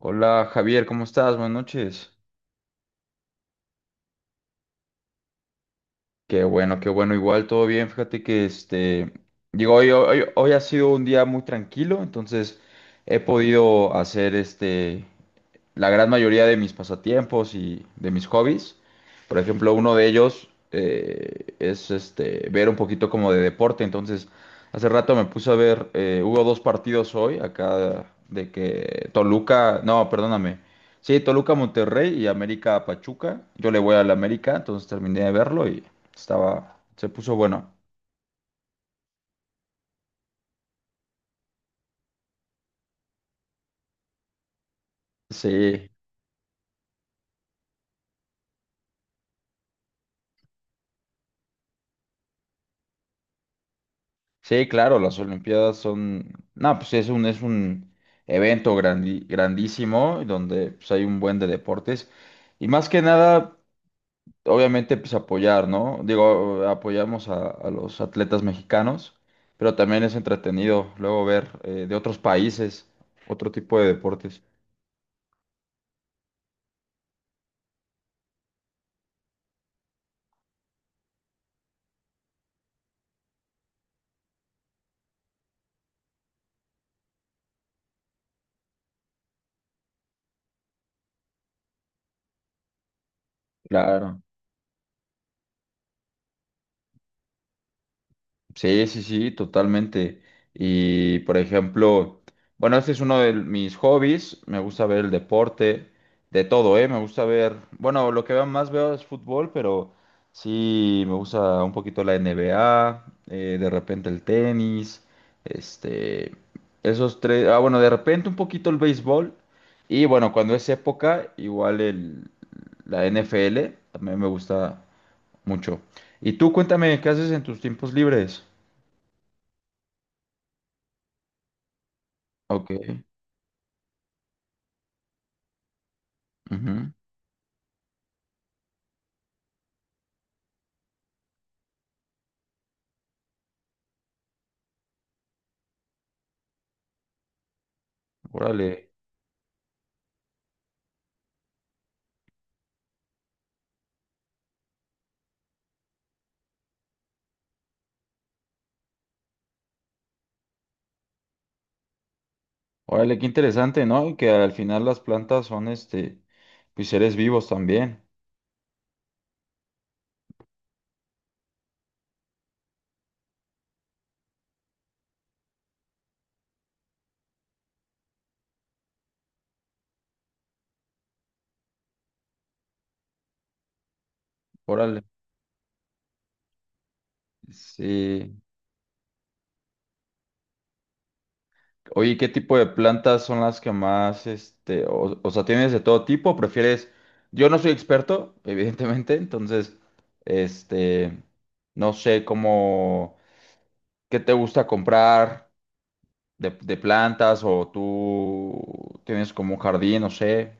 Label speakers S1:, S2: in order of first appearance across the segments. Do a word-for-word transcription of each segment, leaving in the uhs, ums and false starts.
S1: Hola Javier, ¿cómo estás? Buenas noches. Qué bueno, qué bueno, igual todo bien. Fíjate que este, digo, hoy, hoy, hoy ha sido un día muy tranquilo, entonces he podido hacer este. la gran mayoría de mis pasatiempos y de mis hobbies. Por ejemplo, uno de ellos eh, es este, ver un poquito como de deporte. Entonces, hace rato me puse a ver, eh, hubo dos partidos hoy acá de que Toluca, no, perdóname. Sí, Toluca Monterrey y América Pachuca. Yo le voy al América, entonces terminé de verlo y estaba, se puso bueno. Sí. Sí, claro, las Olimpiadas son, no, pues es un, es un evento grandi- grandísimo donde pues, hay un buen de deportes y más que nada, obviamente, pues apoyar, ¿no? Digo, apoyamos a, a los atletas mexicanos, pero también es entretenido luego ver eh, de otros países otro tipo de deportes. Claro. Sí, sí, sí, totalmente. Y por ejemplo, bueno, este es uno de mis hobbies. Me gusta ver el deporte, de todo, ¿eh? Me gusta ver, bueno, lo que veo- más veo es fútbol, pero sí, me gusta un poquito la N B A, eh, de repente el tenis, este, esos tres, ah, bueno, de repente un poquito el béisbol. Y bueno, cuando es época, igual el, la N F L también me gusta mucho. Y tú, cuéntame, ¿qué haces en tus tiempos libres? Ok. Ujú. Órale. Órale, qué interesante, ¿no? Y que al final las plantas son, este, pues seres vivos también. Órale. Sí. Oye, ¿qué tipo de plantas son las que más, este, o, o sea, ¿tienes de todo tipo? ¿Prefieres? Yo no soy experto, evidentemente, entonces, este, no sé cómo, qué te gusta comprar de, de plantas o tú tienes como un jardín, no sé.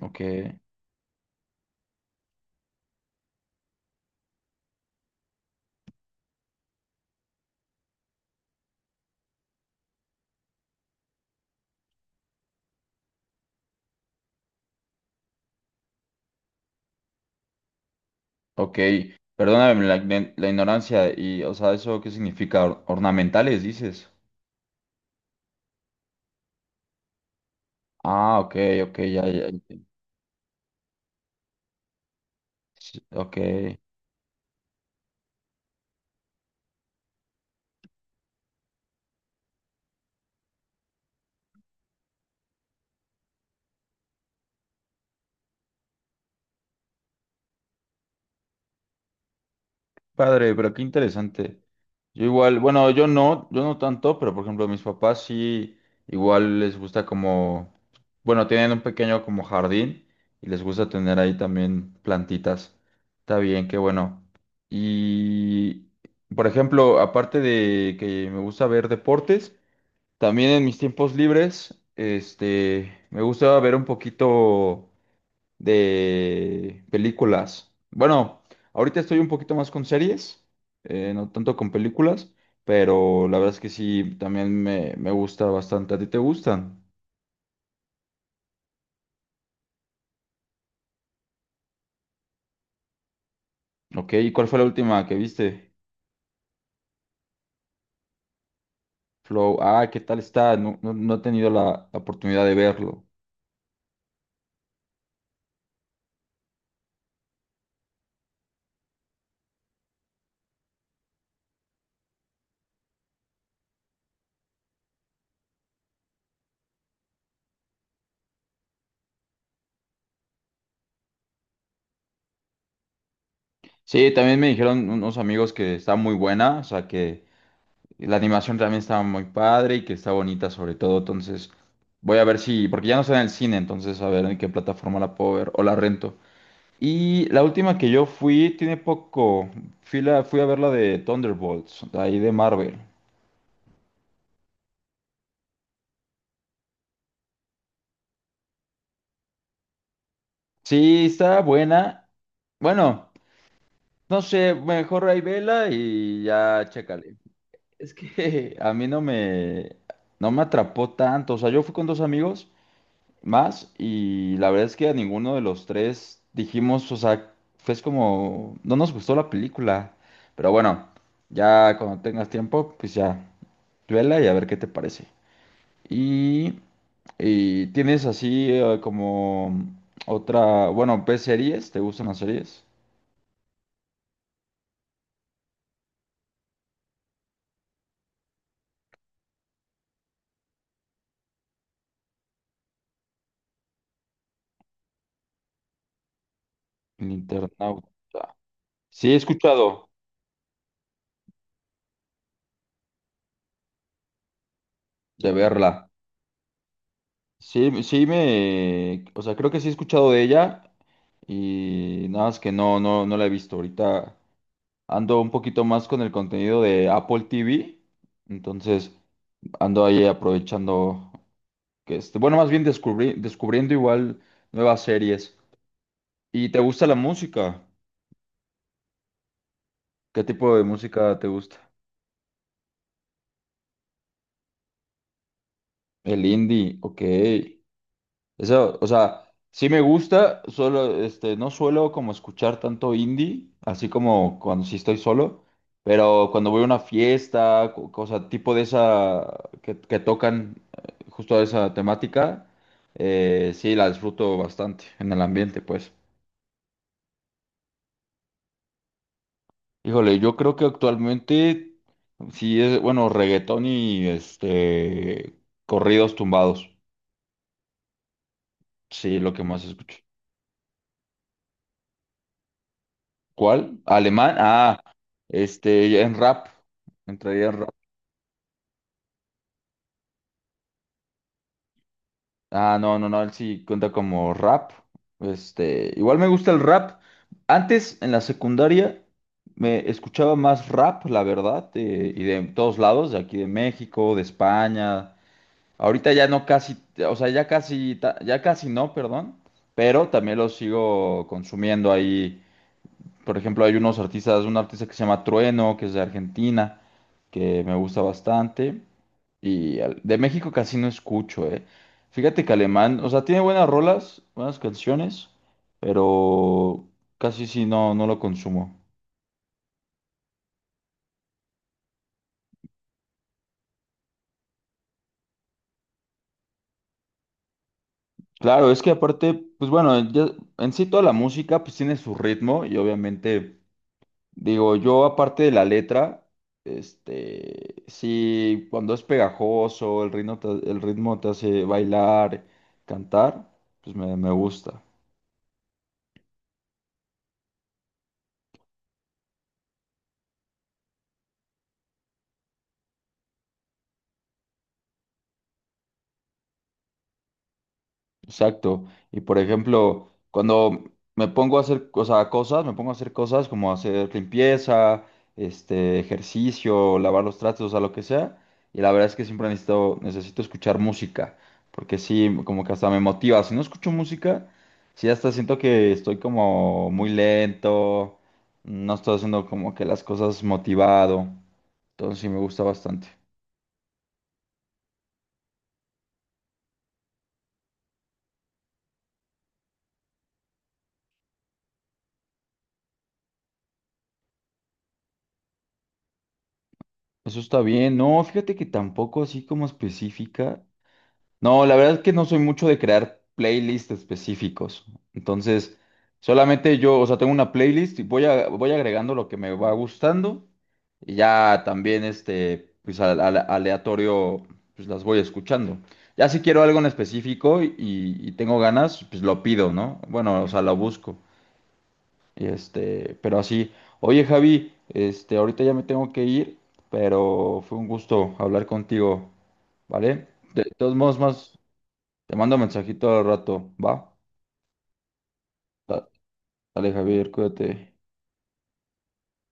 S1: Ok. Ok, perdóname la, ign- la ignorancia y, o sea, ¿eso qué significa? Or- ¿Ornamentales, dices? Ah, ok, ok, ya, ya. Enti- sí, ok, padre, pero qué interesante. Yo igual, bueno, yo no, yo no tanto, pero por ejemplo, mis papás sí, igual les gusta como, bueno, tienen un pequeño como jardín y les gusta tener ahí también plantitas. Está bien, qué bueno. Y, por ejemplo, aparte de que me gusta ver deportes, también en mis tiempos libres, este, me gusta ver un poquito de películas. Bueno, ahorita estoy un poquito más con series, eh, no tanto con películas, pero la verdad es que sí, también me, me gusta bastante. ¿A ti te gustan? Ok, ¿y cuál fue la última que viste? Flow, ah, ¿qué tal está? No, no, no he tenido la, la oportunidad de verlo. Sí, también me dijeron unos amigos que está muy buena, o sea, que y la animación también estaba muy padre y que está bonita sobre todo, entonces voy a ver si, porque ya no está en el cine, entonces a ver en qué plataforma la puedo ver o la rento. Y la última que yo fui, tiene poco, fui, la- fui a ver la de Thunderbolts, de ahí de Marvel. Sí, está buena. Bueno, no sé, mejor ahí vela y ya chécale. Es que a mí no me, no me atrapó tanto, o sea, yo fui con dos amigos. Más y la verdad es que a ninguno de los tres dijimos, o sea, fue es como, no nos gustó la película, pero bueno, ya cuando tengas tiempo, pues ya, vela y a ver qué te parece. Y, y tienes así eh, como otra, bueno, ¿ves series? ¿Te gustan las series? El Internauta. Sí, he escuchado de verla. Sí, sí me, o sea, creo que sí he escuchado de ella y nada más que no, no, no la he visto ahorita. Ando un poquito más con el contenido de Apple T V, entonces ando ahí aprovechando que este, bueno, más bien descubrí, descubriendo igual nuevas series. ¿Y te gusta la música? ¿Qué tipo de música te gusta? El indie, ok. Eso, o sea, sí me gusta, solo, este, no suelo como escuchar tanto indie, así como cuando sí estoy solo, pero cuando voy a una fiesta, co- cosa tipo de esa que, que tocan eh, justo esa temática, eh, sí la disfruto bastante en el ambiente, pues. Híjole, yo creo que actualmente sí es, bueno, reggaetón y este corridos tumbados, sí, lo que más escucho. ¿Cuál? ¿Alemán? Ah, este, en rap. Entraría en rap. Ah, no, no, no, él sí cuenta como rap. Este, igual me gusta el rap. Antes, en la secundaria, me escuchaba más rap, la verdad, eh, y de todos lados, de aquí de México, de España. Ahorita ya no casi, o sea, ya casi, ta- ya casi no, perdón, pero también lo sigo consumiendo ahí. Por ejemplo, hay unos artistas, un artista que se llama Trueno, que es de Argentina, que me gusta bastante. Y al- de México casi no escucho, eh. Fíjate que Alemán, o sea, tiene buenas rolas, buenas canciones, pero casi sí no, no lo consumo. Claro, es que aparte, pues bueno, ya- en sí toda la música pues tiene su ritmo y obviamente digo, yo aparte de la letra, este, sí, cuando es pegajoso, el ritmo te, el ritmo te hace bailar, cantar, pues me, me gusta. Exacto. Y por ejemplo, cuando me pongo a hacer, o sea, cosas, me pongo a hacer cosas como hacer limpieza, este, ejercicio, lavar los tratos, o sea, lo que sea. Y la verdad es que siempre necesito, necesito escuchar música, porque sí, como que hasta me motiva. Si no escucho música, sí hasta siento que estoy como muy lento, no estoy haciendo como que las cosas motivado. Entonces sí me gusta bastante. Eso está bien. No, fíjate que tampoco así como específica. No, la verdad es que no soy mucho de crear playlists específicos. Entonces, solamente yo, o sea, tengo una playlist y voy a, voy agregando lo que me va gustando. Y ya también, este, pues al- al- aleatorio, pues las voy escuchando. Ya si quiero algo en específico y, y tengo ganas, pues lo pido, ¿no? Bueno, o sea, lo busco. Y este, pero así. Oye, Javi, este, ahorita ya me tengo que ir, pero fue un gusto hablar contigo, ¿vale? De todos modos, más. Te mando mensajito al rato, ¿va? Da- Dale, Javier, cuídate.